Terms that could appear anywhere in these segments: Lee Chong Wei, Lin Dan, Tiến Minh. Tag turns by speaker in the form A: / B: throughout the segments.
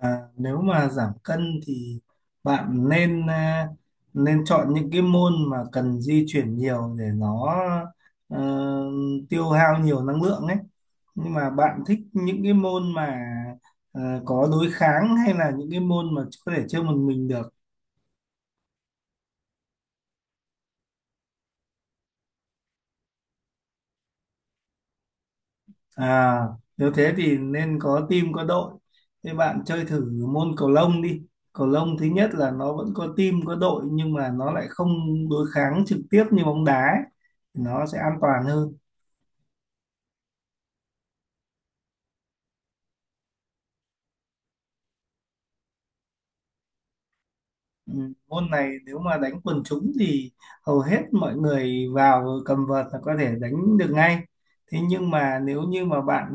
A: À, nếu mà giảm cân thì bạn nên chọn những cái môn mà cần di chuyển nhiều để nó ờ, tiêu hao nhiều năng lượng ấy. Nhưng mà bạn thích những cái môn mà có đối kháng hay là những cái môn mà có thể chơi một mình được? À, nếu thế thì nên có team có đội. Thế bạn chơi thử môn cầu lông đi. Cầu lông thứ nhất là nó vẫn có team có đội nhưng mà nó lại không đối kháng trực tiếp như bóng đá ấy. Nó sẽ an toàn hơn. Ừ, môn này nếu mà đánh quần chúng thì hầu hết mọi người vào cầm vợt là có thể đánh được ngay. Thế nhưng mà nếu như mà bạn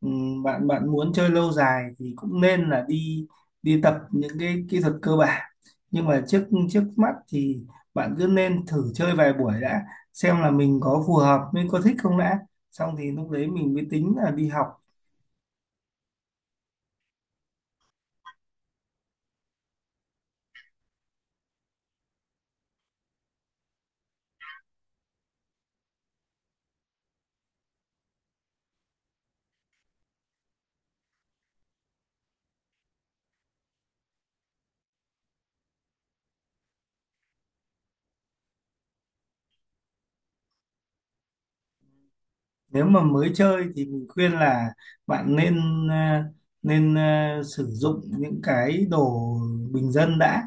A: ừ, bạn bạn muốn chơi lâu dài thì cũng nên là đi đi tập những cái kỹ thuật cơ bản. Nhưng mà trước trước mắt thì bạn cứ nên thử chơi vài buổi đã xem là mình có phù hợp mình có thích không đã. Xong thì lúc đấy mình mới tính là đi học. Nếu mà mới chơi thì mình khuyên là bạn nên ờ, nên ờ, sử dụng những cái đồ bình dân đã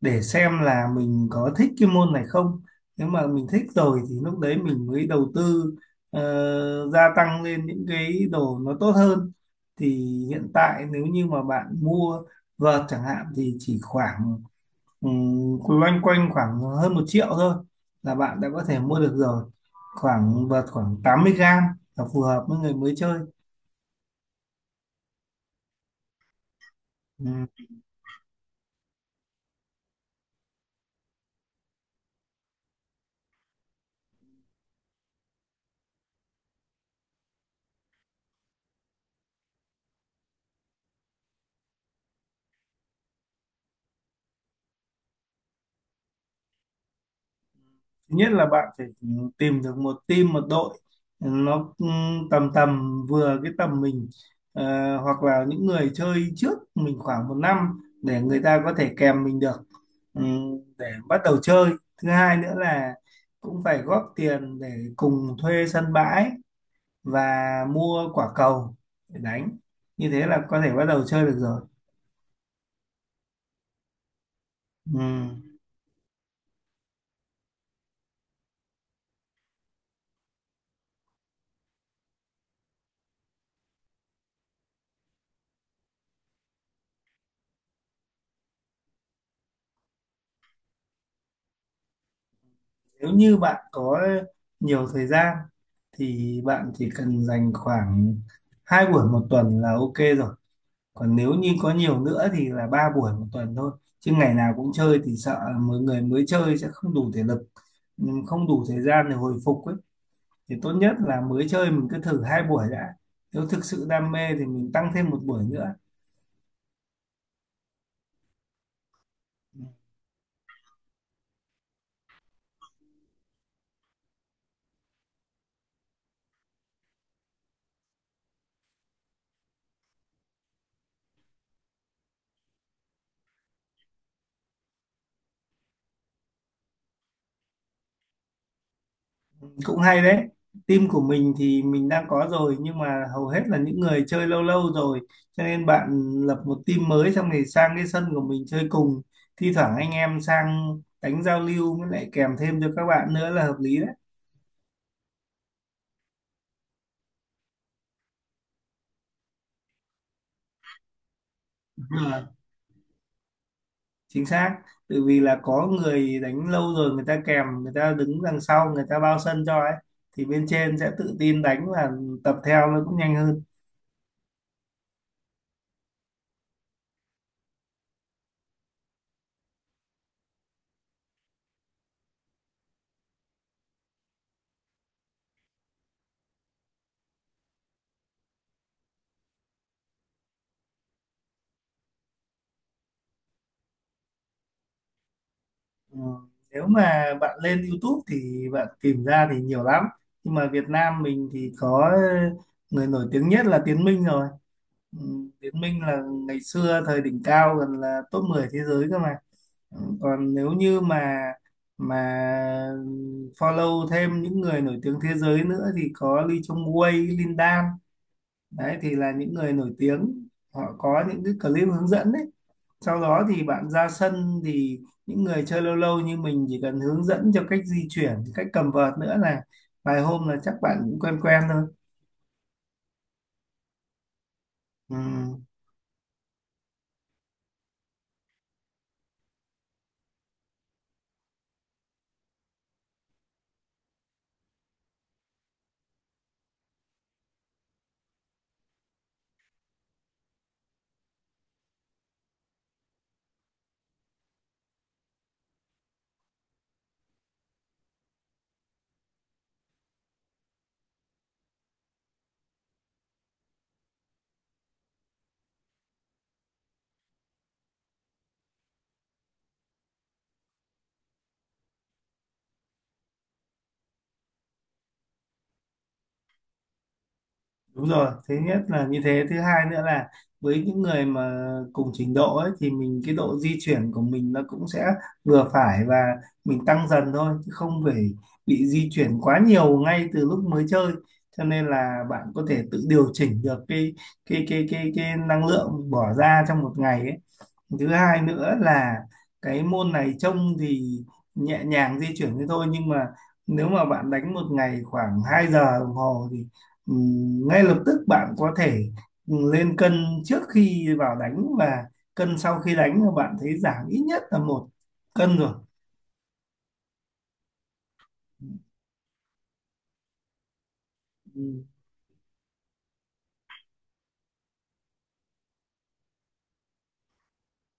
A: để xem là mình có thích cái môn này không. Nếu mà mình thích rồi thì lúc đấy mình mới đầu tư, gia tăng lên những cái đồ nó tốt hơn. Thì hiện tại nếu như mà bạn mua vợt chẳng hạn thì chỉ khoảng loanh quanh khoảng hơn 1 triệu thôi là bạn đã có thể mua được rồi. Khoảng vợt khoảng 80 gram là phù hợp với người mới chơi. Ừm, Thứ nhất là bạn phải tìm được một team một đội nó tầm tầm vừa cái tầm mình. Ờ, hoặc là những người chơi trước mình khoảng một năm để người ta có thể kèm mình được, ừm, để bắt đầu chơi. Thứ hai nữa là cũng phải góp tiền để cùng thuê sân bãi và mua quả cầu để đánh, như thế là có thể bắt đầu chơi được rồi. Ừ. Nếu như bạn có nhiều thời gian thì bạn chỉ cần dành khoảng hai buổi một tuần là ok rồi. Còn nếu như có nhiều nữa thì là ba buổi một tuần thôi, chứ ngày nào cũng chơi thì sợ mọi người mới chơi sẽ không đủ thể lực, không đủ thời gian để hồi phục ấy. Thì tốt nhất là mới chơi mình cứ thử hai buổi đã, nếu thực sự đam mê thì mình tăng thêm một buổi nữa. Ừ. Cũng hay đấy. Team của mình thì mình đang có rồi, nhưng mà hầu hết là những người chơi lâu lâu rồi, cho nên bạn lập một team mới xong thì sang cái sân của mình chơi cùng. Thi thoảng anh em sang đánh giao lưu với lại kèm thêm cho các bạn nữa là hợp lý đấy. Đúng rồi, chính xác. Tự vì là có người đánh lâu rồi, người ta kèm, người ta đứng đằng sau người ta bao sân cho ấy, thì bên trên sẽ tự tin đánh và tập theo nó cũng nhanh hơn. Ờ, nếu mà bạn lên YouTube thì bạn tìm ra thì nhiều lắm. Nhưng mà Việt Nam mình thì có người nổi tiếng nhất là Tiến Minh rồi. Ừ, Tiến Minh là ngày xưa thời đỉnh cao gần là top 10 thế giới cơ mà. Ừ, còn nếu như mà follow thêm những người nổi tiếng thế giới nữa thì có Lee Chong Wei, Lin Dan. Đấy thì là những người nổi tiếng. Họ có những cái clip hướng dẫn đấy, sau đó thì bạn ra sân thì những người chơi lâu lâu như mình chỉ cần hướng dẫn cho cách di chuyển, cách cầm vợt nữa là vài hôm là chắc bạn cũng quen quen thôi. Ừ, đúng rồi, thứ nhất là như thế, thứ hai nữa là với những người mà cùng trình độ ấy thì mình cái độ di chuyển của mình nó cũng sẽ vừa phải, và mình tăng dần thôi chứ không phải bị di chuyển quá nhiều ngay từ lúc mới chơi. Cho nên là bạn có thể tự điều chỉnh được cái năng lượng bỏ ra trong một ngày ấy. Thứ hai nữa là cái môn này trông thì nhẹ nhàng di chuyển thế thôi, nhưng mà nếu mà bạn đánh một ngày khoảng 2 giờ đồng hồ thì ngay lập tức bạn có thể lên cân trước khi vào đánh, và cân sau khi đánh là bạn thấy giảm ít nhất là 1 cân rồi. Ừ,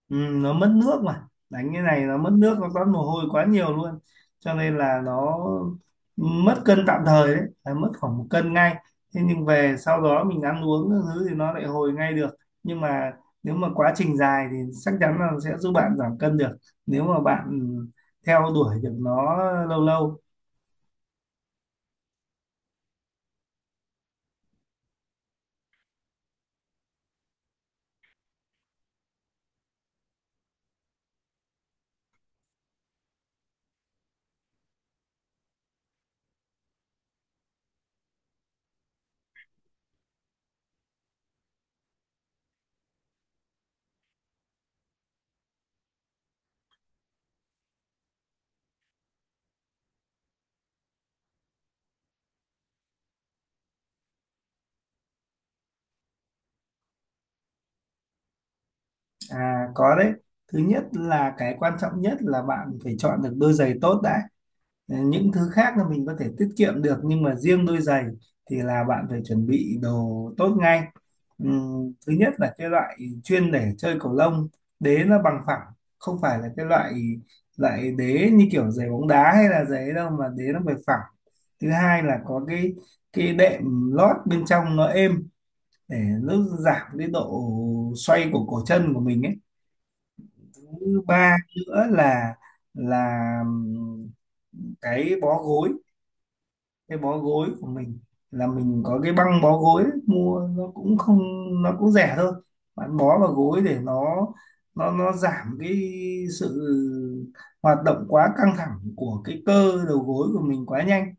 A: ừ, nó mất nước mà. Đánh cái này nó mất nước, nó toát mồ hôi quá nhiều luôn, cho nên là nó mất cân tạm thời đấy là mất khoảng 1 cân ngay. Thế nhưng về sau đó mình ăn uống các thứ thì nó lại hồi ngay được. Nhưng mà nếu mà quá trình dài thì chắc chắn là sẽ giúp bạn giảm cân được, nếu mà bạn theo đuổi được nó lâu lâu. À, có đấy. Thứ nhất là cái quan trọng nhất là bạn phải chọn được đôi giày tốt đã. Ờ, những thứ khác là mình có thể tiết kiệm được, nhưng mà riêng đôi giày thì là bạn phải chuẩn bị đồ tốt ngay. Thứ nhất là cái loại chuyên để chơi cầu lông, đế nó bằng phẳng, không phải là cái loại loại đế như kiểu giày bóng đá hay là giày ấy đâu, mà đế nó phải phẳng. Thứ hai là có cái đệm lót bên trong nó êm, để nó giảm cái độ xoay của cổ chân của mình ấy. Thứ ba nữa là cái bó gối cái bó gối của mình là mình có cái băng bó gối ấy, mua nó cũng không, nó cũng rẻ thôi. Bạn bó vào gối để nó nó giảm cái sự hoạt động quá căng thẳng của cái cơ đầu gối của mình quá nhanh.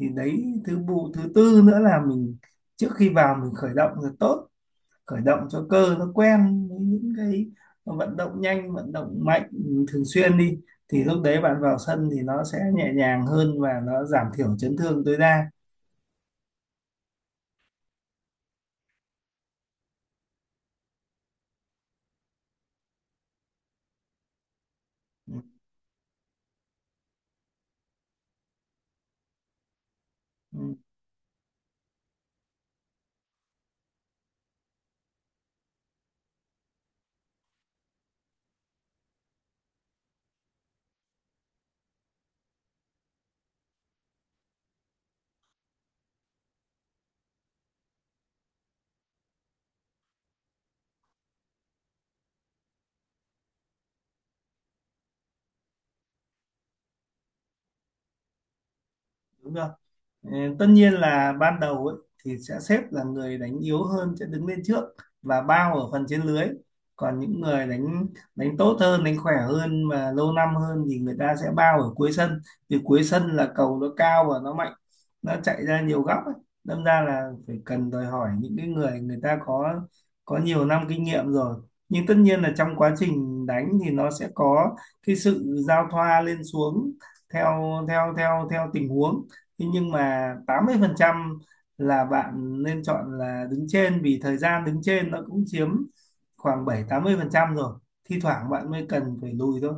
A: Thì đấy, thứ bộ thứ tư nữa là mình trước khi vào mình khởi động là tốt, khởi động cho cơ nó quen với những cái vận động nhanh vận động mạnh thường xuyên đi, thì lúc đấy bạn vào sân thì nó sẽ nhẹ nhàng hơn và nó giảm thiểu chấn thương tối đa. Ừ, ừ, đúng rồi. Ừ, tất nhiên là ban đầu ấy, thì sẽ xếp là người đánh yếu hơn sẽ đứng lên trước và bao ở phần trên lưới, còn những người đánh, đánh tốt hơn đánh khỏe hơn và lâu năm hơn thì người ta sẽ bao ở cuối sân, vì cuối sân là cầu nó cao và nó mạnh, nó chạy ra nhiều góc ấy. Đâm ra là phải cần đòi hỏi những cái người, người ta có nhiều năm kinh nghiệm rồi. Nhưng tất nhiên là trong quá trình đánh thì nó sẽ có cái sự giao thoa lên xuống theo theo theo theo tình huống. Thế nhưng mà 80% là bạn nên chọn là đứng trên, vì thời gian đứng trên nó cũng chiếm khoảng 70-80% rồi. Thi thoảng bạn mới cần phải lùi thôi.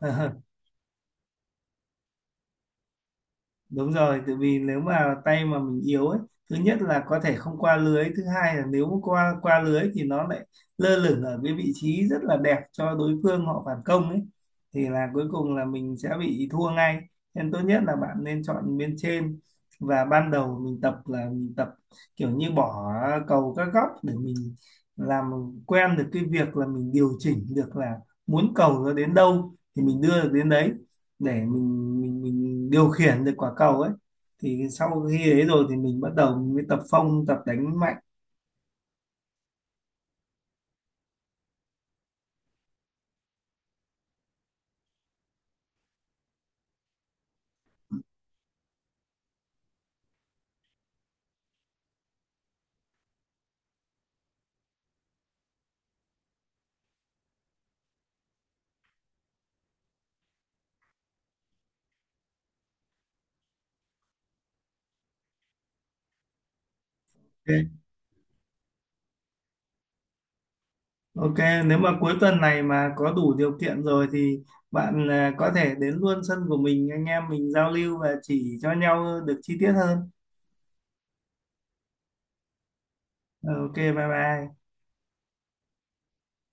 A: Ừ. Đúng rồi, tại vì nếu mà tay mà mình yếu ấy, thứ nhất là có thể không qua lưới, thứ hai là nếu mà qua qua lưới thì nó lại lơ lửng ở cái vị trí rất là đẹp cho đối phương họ phản công ấy, thì là cuối cùng là mình sẽ bị thua ngay. Nên tốt nhất là bạn nên chọn bên trên, và ban đầu mình tập là mình tập kiểu như bỏ cầu các góc để mình làm quen được cái việc là mình điều chỉnh được là muốn cầu nó đến đâu thì mình đưa được đến đấy, để mình điều khiển được quả cầu ấy, thì sau khi ấy rồi thì mình bắt đầu mình mới tập phong tập đánh mạnh. Ok. Ok, nếu mà cuối tuần này mà có đủ điều kiện rồi thì bạn có thể đến luôn sân của mình, anh em mình giao lưu và chỉ cho nhau được chi tiết hơn. Ờ, ok, bye bye.